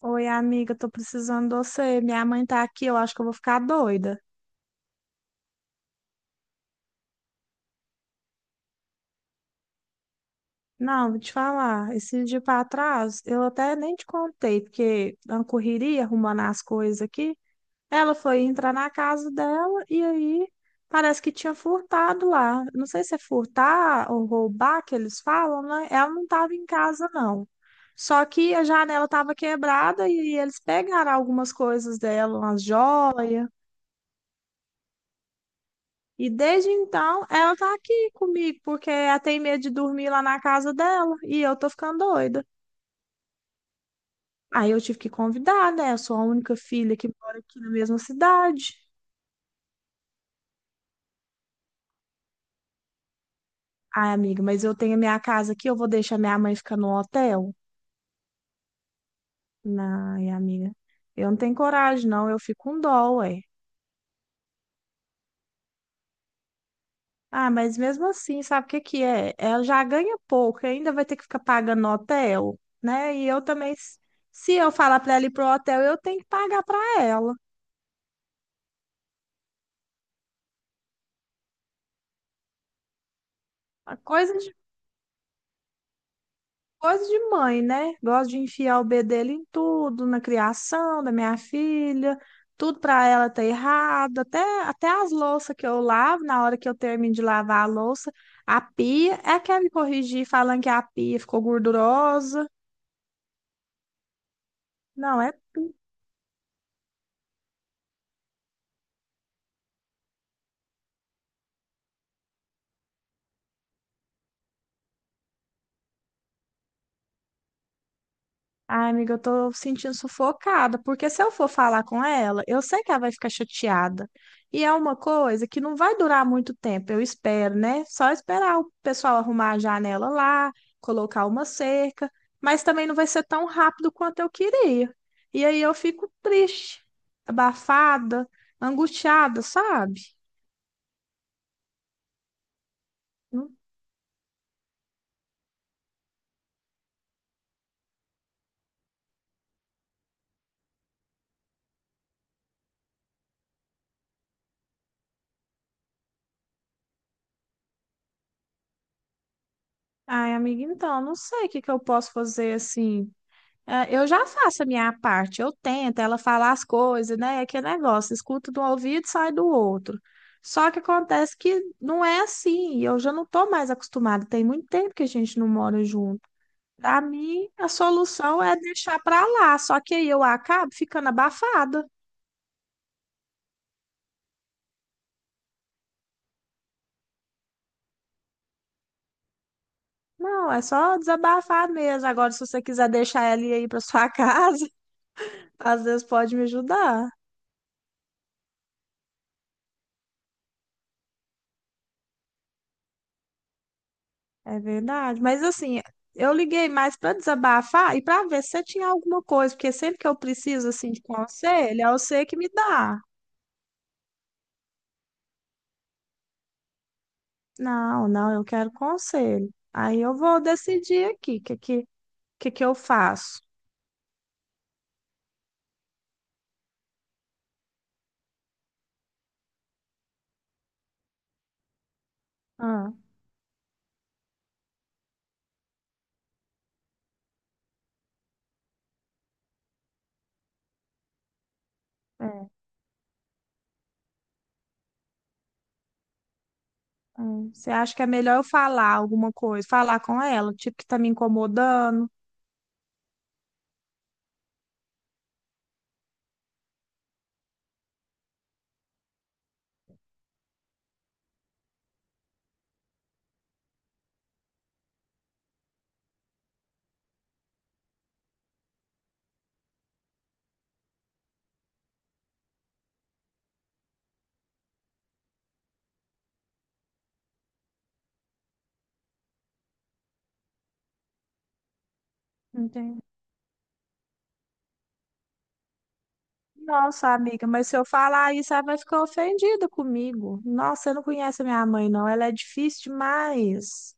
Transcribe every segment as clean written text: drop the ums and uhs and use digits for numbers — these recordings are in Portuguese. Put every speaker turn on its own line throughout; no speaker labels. Oi, amiga, tô precisando de você. Minha mãe tá aqui, eu acho que eu vou ficar doida. Não, vou te falar, esse dia pra trás, eu até nem te contei, porque uma correria arrumando as coisas aqui. Ela foi entrar na casa dela e aí parece que tinha furtado lá. Não sei se é furtar ou roubar que eles falam, né? Ela não tava em casa, não. Só que a janela tava quebrada e eles pegaram algumas coisas dela, umas joias. E desde então, ela tá aqui comigo, porque ela tem medo de dormir lá na casa dela e eu tô ficando doida. Aí eu tive que convidar, né? Eu sou a única filha que mora aqui na mesma cidade. Ai, amiga, mas eu tenho a minha casa aqui, eu vou deixar minha mãe ficar no hotel? Ai, amiga, eu não tenho coragem, não, eu fico com dó, ué. Ah, mas mesmo assim, sabe o que que é? Ela já ganha pouco, ainda vai ter que ficar pagando no hotel, né? E eu também, se eu falar pra ela ir pro hotel, eu tenho que pagar pra ela. A coisa Coisa de mãe, né? Gosto de enfiar o bedelho dele em tudo, na criação da minha filha, tudo para ela tá errado, até as louças que eu lavo, na hora que eu termino de lavar a louça, a pia, é quer me corrigir falando que a pia ficou gordurosa. Não, é Ai, amiga, eu tô sentindo sufocada, porque se eu for falar com ela, eu sei que ela vai ficar chateada. E é uma coisa que não vai durar muito tempo, eu espero, né? Só esperar o pessoal arrumar a janela lá, colocar uma cerca, mas também não vai ser tão rápido quanto eu queria. E aí eu fico triste, abafada, angustiada, sabe? Não- Ai, amiga, então, não sei o que que eu posso fazer assim. É, eu já faço a minha parte, eu tento, ela fala as coisas, né? É aquele negócio, escuta de um ouvido e sai do outro. Só que acontece que não é assim, eu já não tô mais acostumada, tem muito tempo que a gente não mora junto. Pra mim, a solução é deixar pra lá, só que aí eu acabo ficando abafada. Não, é só desabafar mesmo. Agora, se você quiser deixar ela ir aí pra sua casa, às vezes pode me ajudar. É verdade, mas assim, eu liguei mais para desabafar e para ver se você tinha alguma coisa, porque sempre que eu preciso assim de conselho, é você que me dá. Não, não, eu quero conselho. Aí eu vou decidir aqui o que eu faço. Ah, é, é. Você acha que é melhor eu falar alguma coisa, falar com ela, tipo que tá me incomodando? Entendi. Nossa, amiga, mas se eu falar isso, ela vai ficar ofendida comigo. Nossa, você não conhece a minha mãe, não. Ela é difícil demais.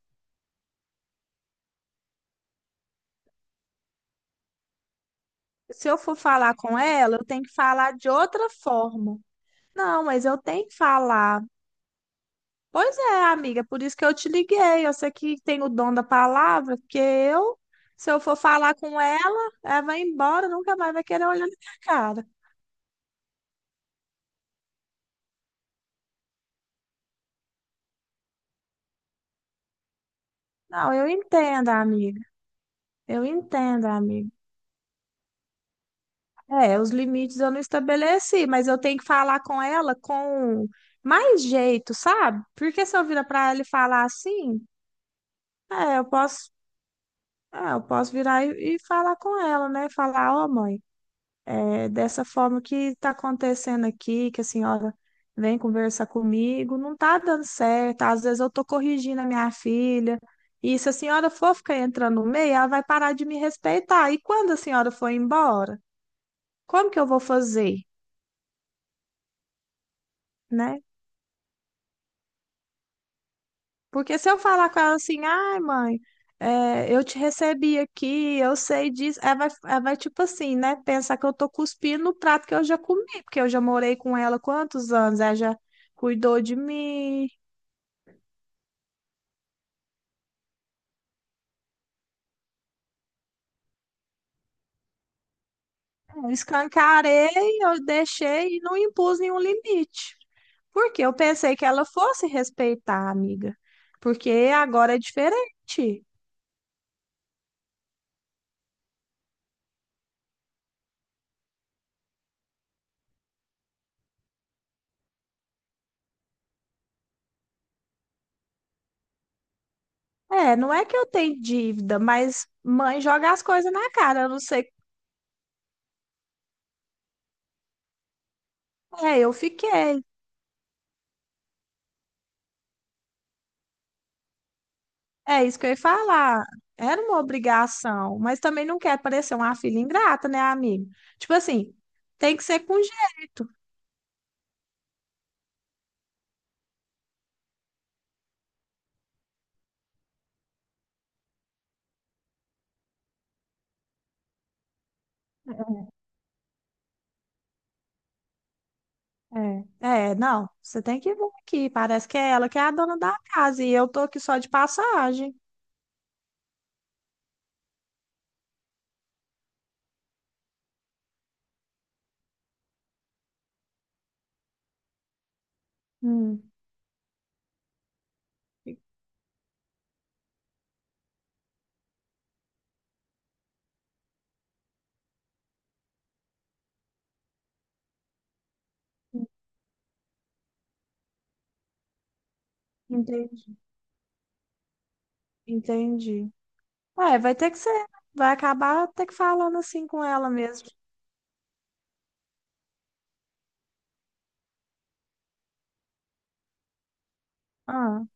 Se eu for falar com ela, eu tenho que falar de outra forma. Não, mas eu tenho que falar. Pois é, amiga, por isso que eu te liguei. Eu sei que tem o dom da palavra, porque eu, se eu for falar com ela, ela vai embora, nunca mais vai querer olhar na minha cara. Não, eu entendo, amiga. Eu entendo, amiga. É, os limites eu não estabeleci, mas eu tenho que falar com ela com mais jeito, sabe? Porque se eu virar pra ela e falar assim, é, eu posso Ah, eu posso virar e falar com ela, né? Falar, ó, mãe, é dessa forma que está acontecendo aqui, que a senhora vem conversar comigo, não tá dando certo. Às vezes eu tô corrigindo a minha filha. E se a senhora for ficar entrando no meio, ela vai parar de me respeitar. E quando a senhora for embora, como que eu vou fazer, né? Porque se eu falar com ela assim, ai, mãe, é, eu te recebi aqui, eu sei disso, ela vai tipo assim, né? Pensar que eu tô cuspindo no prato que eu já comi, porque eu já morei com ela quantos anos? Ela já cuidou de mim, eu escancarei, eu deixei e não impus nenhum limite. Porque eu pensei que ela fosse respeitar, amiga. Porque agora é diferente. É, não é que eu tenho dívida, mas mãe joga as coisas na cara. Eu não sei. É, eu fiquei. É isso que eu ia falar. Era uma obrigação, mas também não quer parecer uma filha ingrata, né, amigo? Tipo assim, tem que ser com jeito. É, é, não, você tem que vir aqui. Parece que é ela que é a dona da casa e eu tô aqui só de passagem. Hum, entendi, entendi. É, vai ter que ser, vai acabar ter que falando assim com ela mesmo. Ah,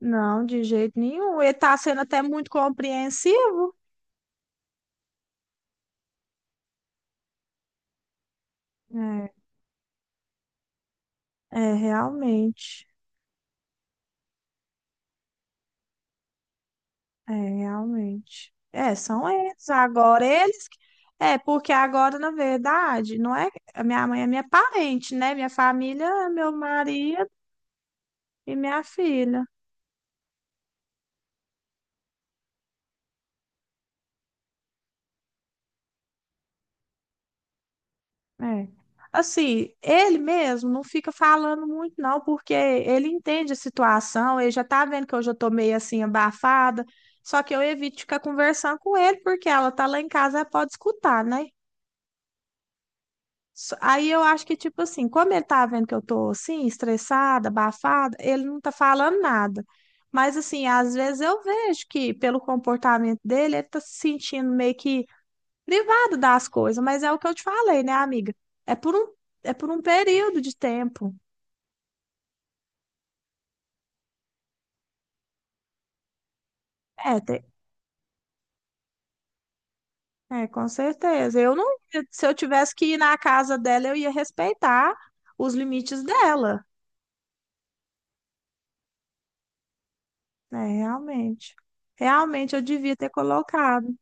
não, de jeito nenhum. Ele tá sendo até muito compreensivo. É, é realmente. É, realmente. É, são eles. É, porque agora, na verdade, não é. A minha mãe é minha parente, né? Minha família, é meu marido e minha filha. É. Assim, ele mesmo não fica falando muito, não, porque ele entende a situação, ele já tá vendo que eu já tô meio assim abafada. Só que eu evito ficar conversando com ele, porque ela tá lá em casa, ela pode escutar, né? Aí eu acho que, tipo assim, como ele tá vendo que eu tô assim, estressada, abafada, ele não tá falando nada. Mas, assim, às vezes eu vejo que, pelo comportamento dele, ele tá se sentindo meio que privado das coisas. Mas é o que eu te falei, né, amiga? É por um, é por um período de tempo. É, te- é, com certeza. Eu não, ia- Se eu tivesse que ir na casa dela, eu ia respeitar os limites dela. É, realmente. Realmente eu devia ter colocado.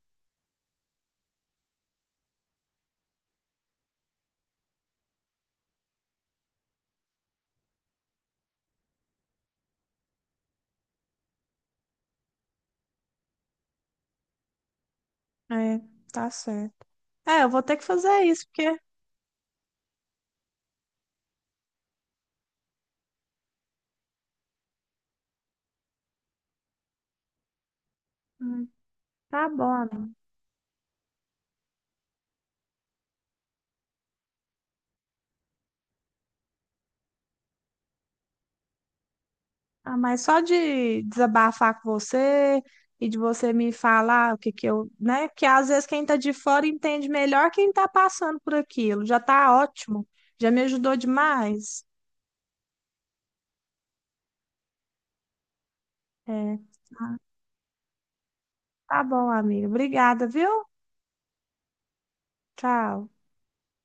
É, tá certo. É, eu vou ter que fazer isso, porque hum, tá bom, amigo. Ah, mas só de desabafar com você e de você me falar o que que eu, né? Que às vezes quem tá de fora entende melhor quem tá passando por aquilo. Já tá ótimo, já me ajudou demais. É. Ah, tá bom, amiga. Obrigada, viu? Tchau.